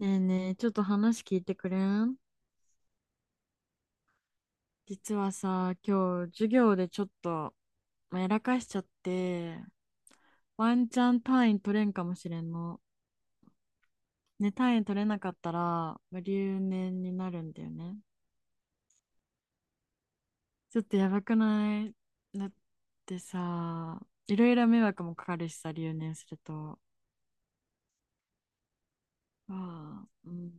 ねえねえ、ちょっと話聞いてくれん？実はさ、今日授業でちょっと、まあ、やらかしちゃって、ワンチャン単位取れんかもしれんの。ね、単位取れなかったら、まあ留年になるんだよね。ちょっとやばくない？だってさ、いろいろ迷惑もかかるしさ、留年すると。ああ、うん、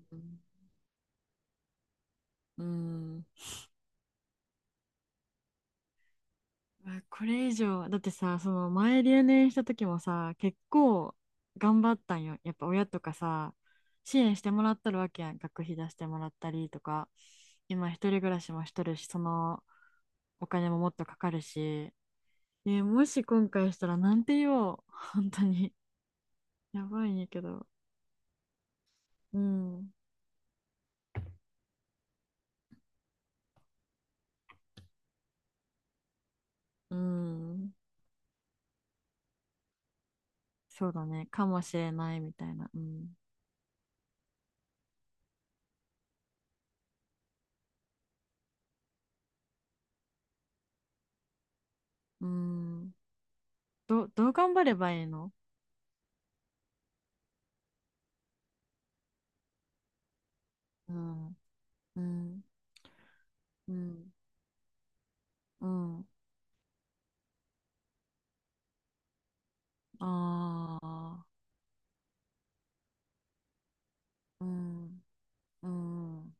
うん。わこれ以上、だってさ、その前留年した時もさ、結構頑張ったんよ。やっぱ親とかさ、支援してもらってるわけやん。学費出してもらったりとか、今一人暮らしもしとるし、そのお金ももっとかかるし、ね、もし今回したらなんて言おう。本当に。やばいんやけど。うん。うん。そうだね。かもしれないみたいな。うん。うん。どう頑張ればいいの？うん。うん。うん。うん。ああ、うん、うん、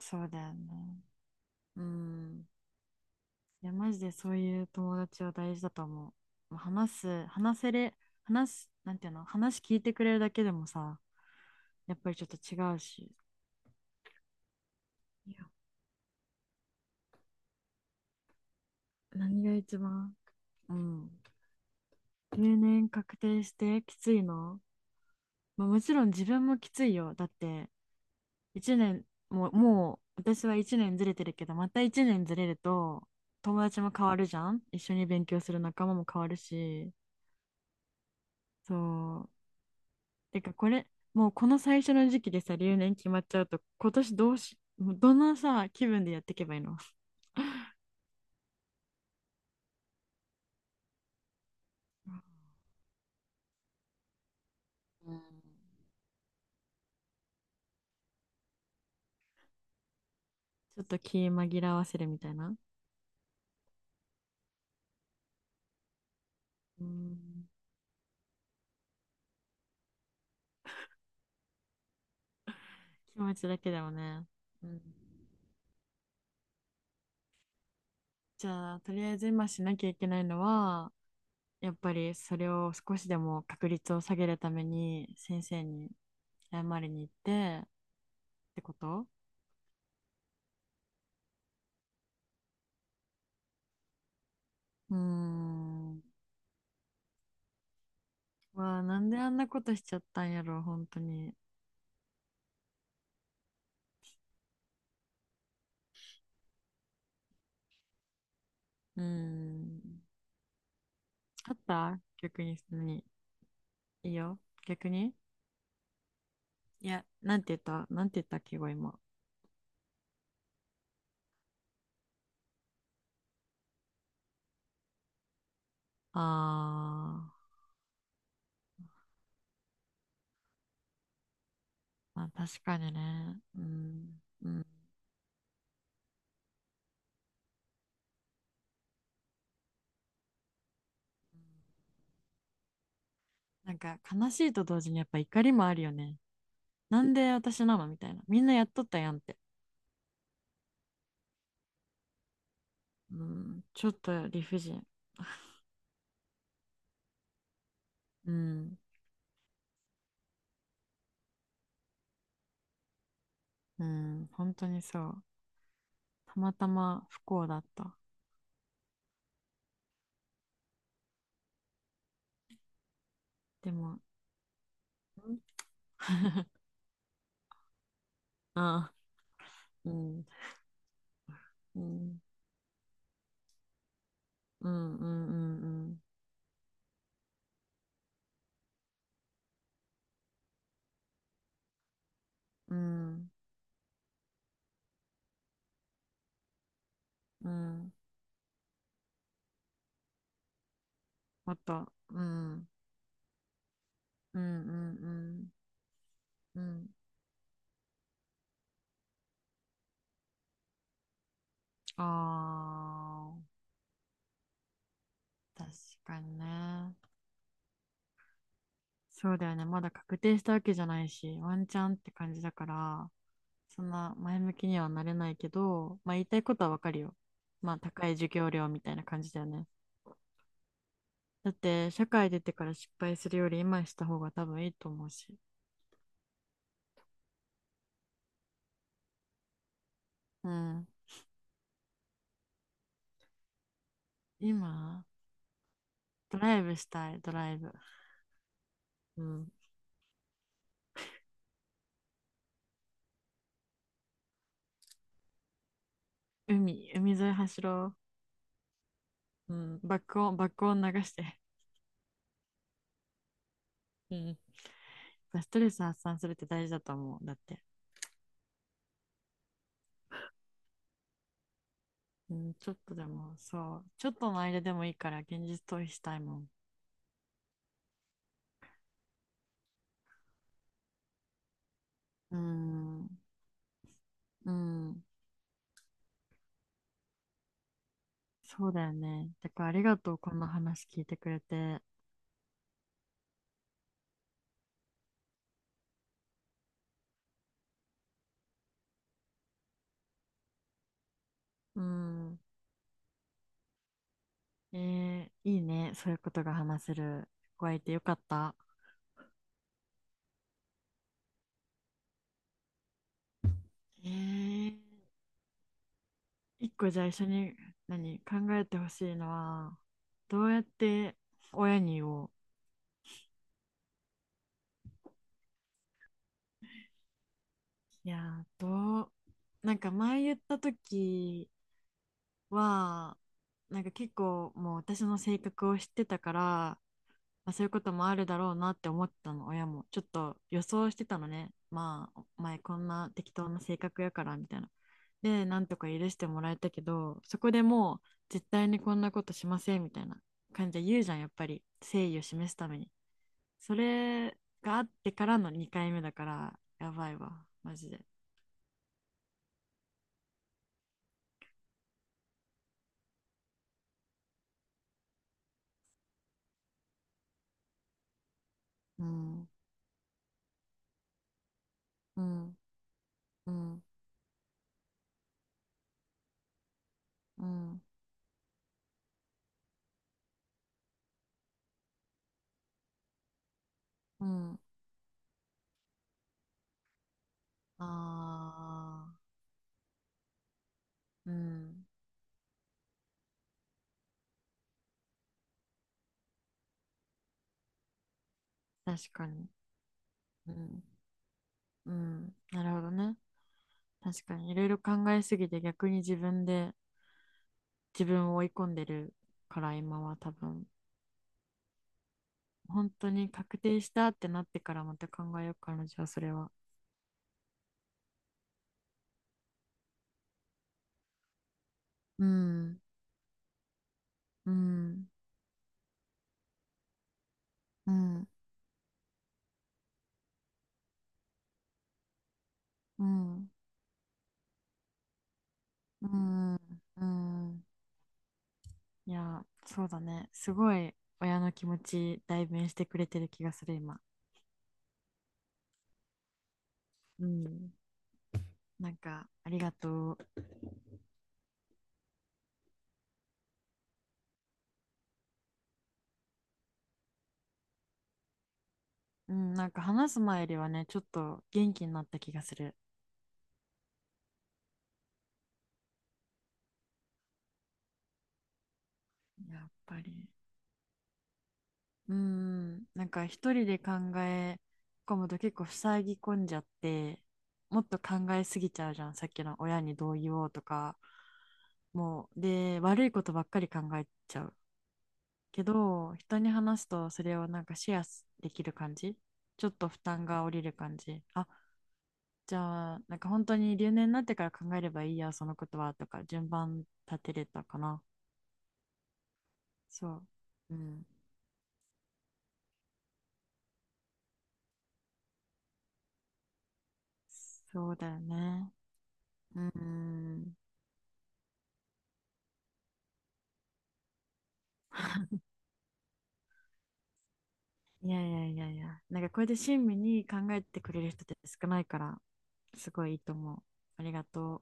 そうだよね。うん。いや、マジでそういう友達は大事だと思う。もう話す、話せれ、話す、なんていうの、話聞いてくれるだけでもさ、やっぱりちょっと違うし。いや、何が一番、うん。定年確定してきついの？まあ、もちろん自分もきついよ。だって、一年、もう、もう、私は一年ずれてるけど、また一年ずれると、友達も変わるじゃん、一緒に勉強する仲間も変わるし、そう。てか、これ、もうこの最初の時期でさ、留年決まっちゃうと、今年どうし、もうどのさ、気分でやっていけばいいの？うん、ちょっと気紛らわせるみたいな。うん、気持ちだけでもね。うん、じゃあ、とりあえず今しなきゃいけないのは、やっぱりそれを少しでも確率を下げるために先生に謝りに行ってってこと？うーん。まあ、なんであんなことしちゃったんやろ、本当に。うーん。あった逆に、何？いいよ。逆に、いや、なんて言った、なんて言ったっけ、今。あー、まあ、確かにね。うん。うん。なんか悲しいと同時にやっぱ怒りもあるよね。なんで私なのみたいな。みんなやっとったやんって。うん、ちょっと理不尽。うん、うん、本当にそう。たまたま不幸だった。でも、うん。 あ、うん、うん、うん、うん、うん、うん、うん、うん、もっと、うん、うん、うん、うん、うん。ああ、確かにね。そうだよね。まだ確定したわけじゃないし、ワンチャンって感じだから、そんな前向きにはなれないけど、まあ、言いたいことはわかるよ。まあ、高い授業料みたいな感じだよね。だって、社会出てから失敗するより今した方が多分いいと思うし。うん。今、ドライブしたい、ドライブ。うん。海、海沿い走ろう。うん。爆音、爆音流して。うん。ストレス発散するって大事だと思う。だって。うん、ちょっとでも、そう。ちょっとの間でもいいから現実逃避したいもん。うん。うん。そうだよね。だからありがとう、こんな話聞いてくれて。うん。えー、いいね。そういうことが話せる子がいてよかった。えー、一個じゃあ一緒に何考えてほしいのは、どうやって親に言おう。いやー、どう、なんか前言った時は、なんか結構もう私の性格を知ってたから、まあ、そういうこともあるだろうなって思ったの、親も。ちょっと予想してたのね。まあ、お前こんな適当な性格やからみたいな。で、なんとか許してもらえたけど、そこでもう絶対にこんなことしませんみたいな感じで言うじゃん、やっぱり。誠意を示すために。それがあってからの2回目だから、やばいわ、マジで。うん、うん、うん、うん、うん。ああ、うん、確かに。うん、うん、なるほどね。確かにいろいろ考えすぎて逆に自分で自分を追い込んでるから、今は多分本当に確定したってなってからまた考えようかな、じゃあそれは。うん、うん、うん、うん、うん、うん、いやそうだね、すごい親の気持ち代弁してくれてる気がする今。うん、なんかありがとう。うん、なんか話す前よりはね、ちょっと元気になった気がする。やっぱりうん、なんか一人でえ込むと結構塞ぎ込んじゃって、もっと考えすぎちゃうじゃん、さっきの親にどう言おうとか、もうで悪いことばっかり考えちゃう、けど人に話すとそれをなんかシェアできる感じ、ちょっと負担が下りる感じ、あ、じゃあなんか本当に留年になってから考えればいいや、そのことはとか、順番立てれたかな。そう、うん、そうだよね。うん、いやいやいやいや、なんかこれで親身に考えてくれる人って少ないから、すごいいいと思う。ありがとう。